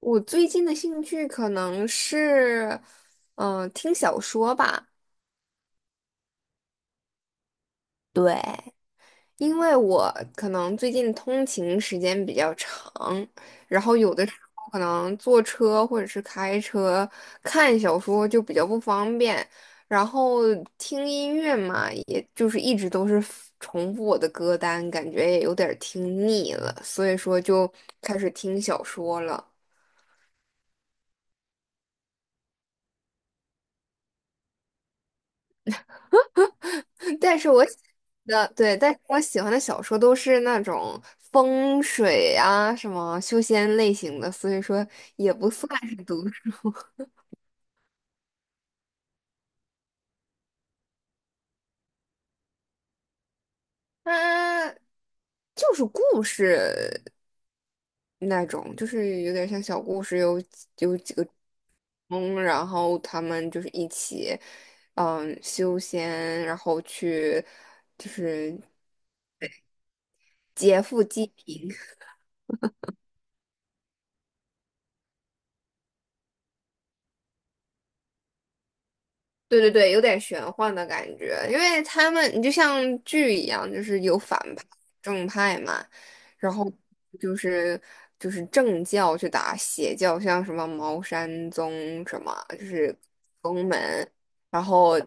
我最近的兴趣可能是，听小说吧。对，因为我可能最近通勤时间比较长，然后有的时候可能坐车或者是开车看小说就比较不方便，然后听音乐嘛，也就是一直都是重复我的歌单，感觉也有点儿听腻了，所以说就开始听小说了。但是我喜的对，但是我喜欢的小说都是那种风水啊、什么修仙类型的，所以说也不算是读书，它就是故事那种，就是有点像小故事，有几个主公然后他们就是一起，修仙，然后去就是劫富济贫。对对对，有点玄幻的感觉，因为你就像剧一样，就是有反派、正派嘛，然后就是就是正教去打邪教，像什么茅山宗什么，就是宗门，然后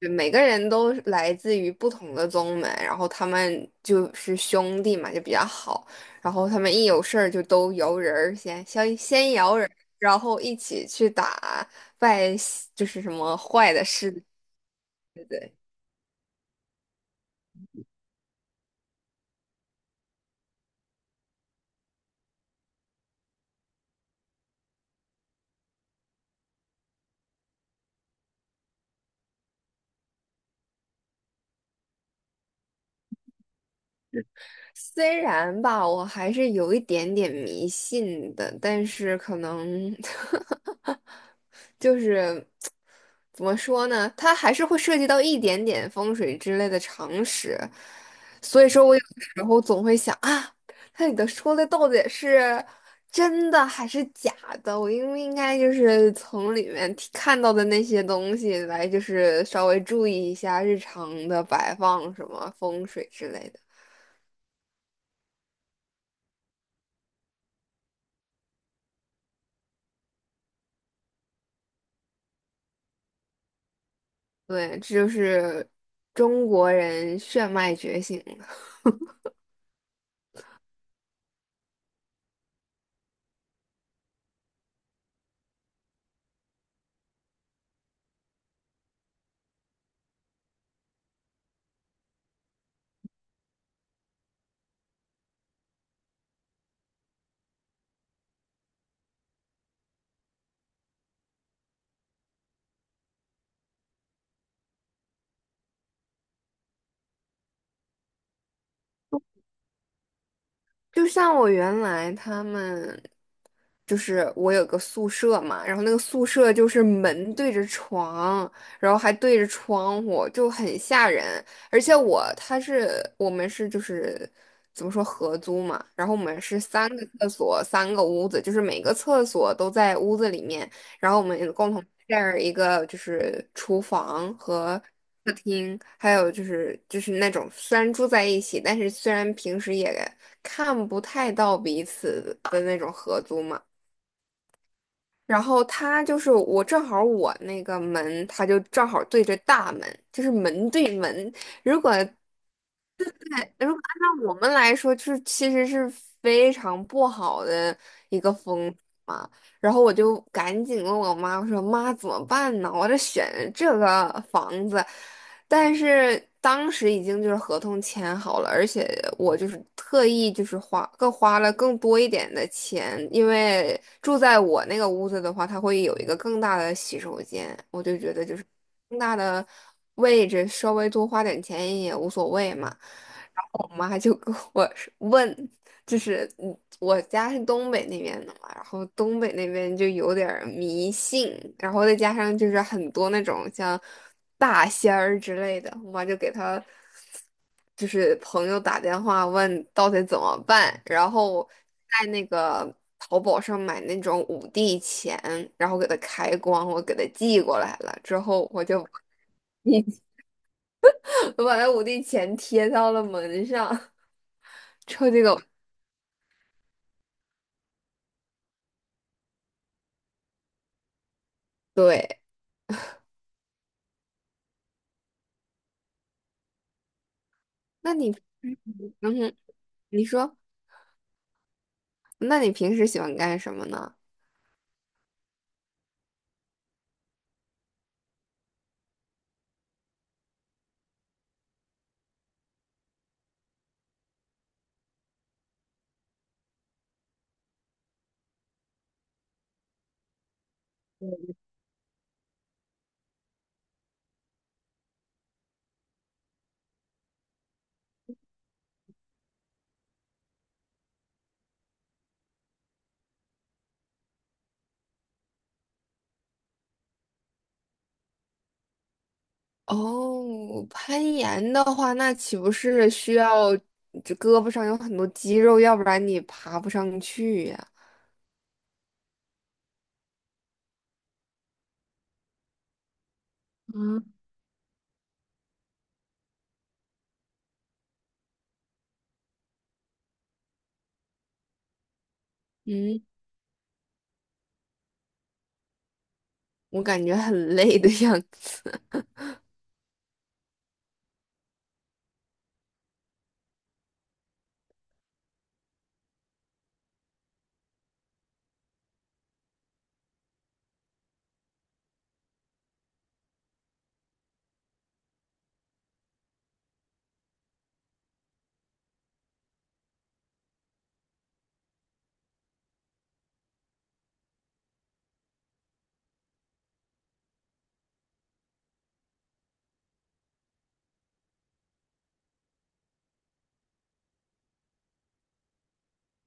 就每个人都是来自于不同的宗门，然后他们就是兄弟嘛，就比较好，然后他们一有事儿就都摇人儿先先先摇人儿，然后一起去打。坏就是什么坏的事。虽然吧，我还是有一点点迷信的，但是可能 就是怎么说呢？它还是会涉及到一点点风水之类的常识，所以说我有的时候总会想啊，它里头说的到底是真的还是假的？我应不应该就是从里面看到的那些东西来，就是稍微注意一下日常的摆放什么风水之类的。对，这就是中国人血脉觉醒。就像我原来就是我有个宿舍嘛，然后那个宿舍就是门对着床，然后还对着窗户，就很吓人。而且我们是就是怎么说合租嘛，然后我们是三个厕所三个屋子，就是每个厕所都在屋子里面，然后我们共同 share 一个就是厨房还有就是那种虽然住在一起，但是虽然平时也看不太到彼此的那种合租嘛。然后他就是我正好我那个门，他就正好对着大门，就是门对门。如果如果按照我们来说，就是其实是非常不好的一个风水嘛。然后我就赶紧问我妈，我说妈怎么办呢？我这选这个房子，但是当时已经就是合同签好了，而且我就是特意就是花了更多一点的钱，因为住在我那个屋子的话，它会有一个更大的洗手间，我就觉得就是更大的位置，稍微多花点钱也无所谓嘛。我妈就跟我说问，就是我家是东北那边的嘛，然后东北那边就有点儿迷信，然后再加上就是很多那种像大仙儿之类的，我妈就给她就是朋友打电话问到底怎么办，然后在那个淘宝上买那种五帝钱，然后给它开光，我给它寄过来了之后，我就 我把那五帝钱贴到了门上。之后这个对。那你，嗯哼。你说。那你平时喜欢干什么呢？哦，攀岩的话，那岂不是需要这胳膊上有很多肌肉，要不然你爬不上去呀？嗯，嗯，我感觉很累的样子。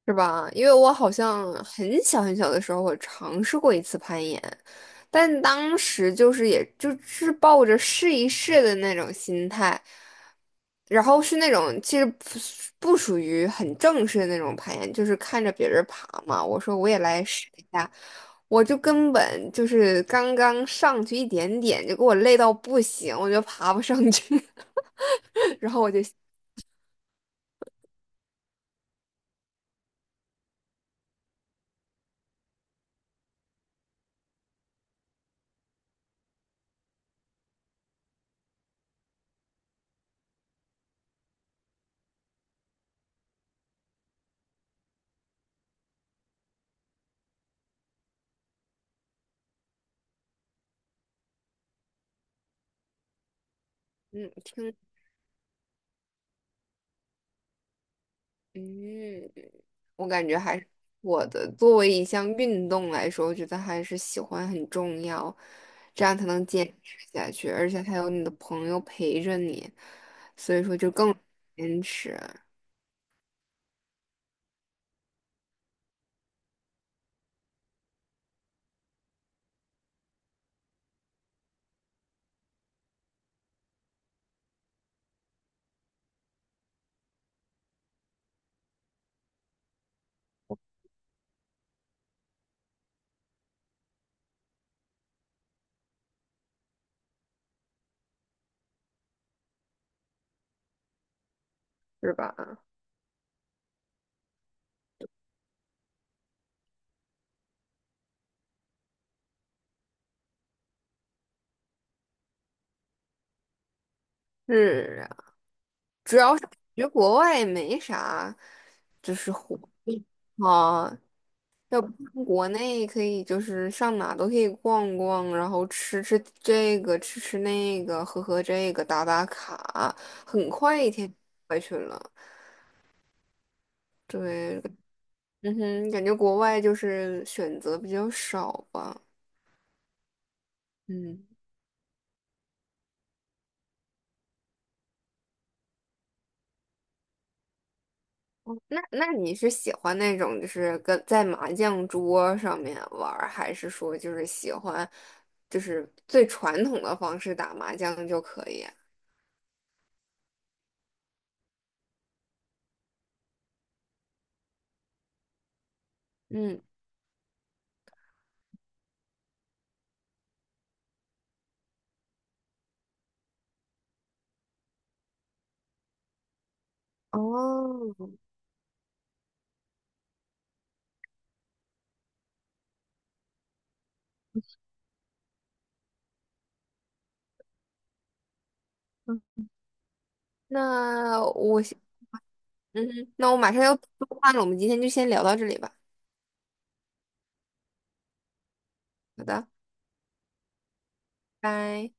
是吧？因为我好像很小很小的时候，我尝试过一次攀岩，但当时也就是抱着试一试的那种心态，然后是那种其实不属于很正式的那种攀岩，就是看着别人爬嘛，我说我也来试一下，我就根本就是刚刚上去一点点，就给我累到不行，我就爬不上去，然后我就嗯听嗯。我感觉还是作为一项运动来说，我觉得还是喜欢很重要，这样才能坚持下去，而且还有你的朋友陪着你，所以说就更坚持，是吧？是啊，主要是感觉国外没啥，就是活动啊，要不像国内可以就是上哪都可以逛逛，然后吃吃这个，吃吃那个，喝喝这个，打打卡，很快一天过去了。对，嗯哼，感觉国外就是选择比较少吧。嗯。哦那你是喜欢那种就是跟在麻将桌上面玩儿，还是说就是喜欢就是最传统的方式打麻将就可以啊嗯，哦。嗯那我先嗯哼。那我马上要做饭了，我们今天就先聊到这里吧。好的，拜。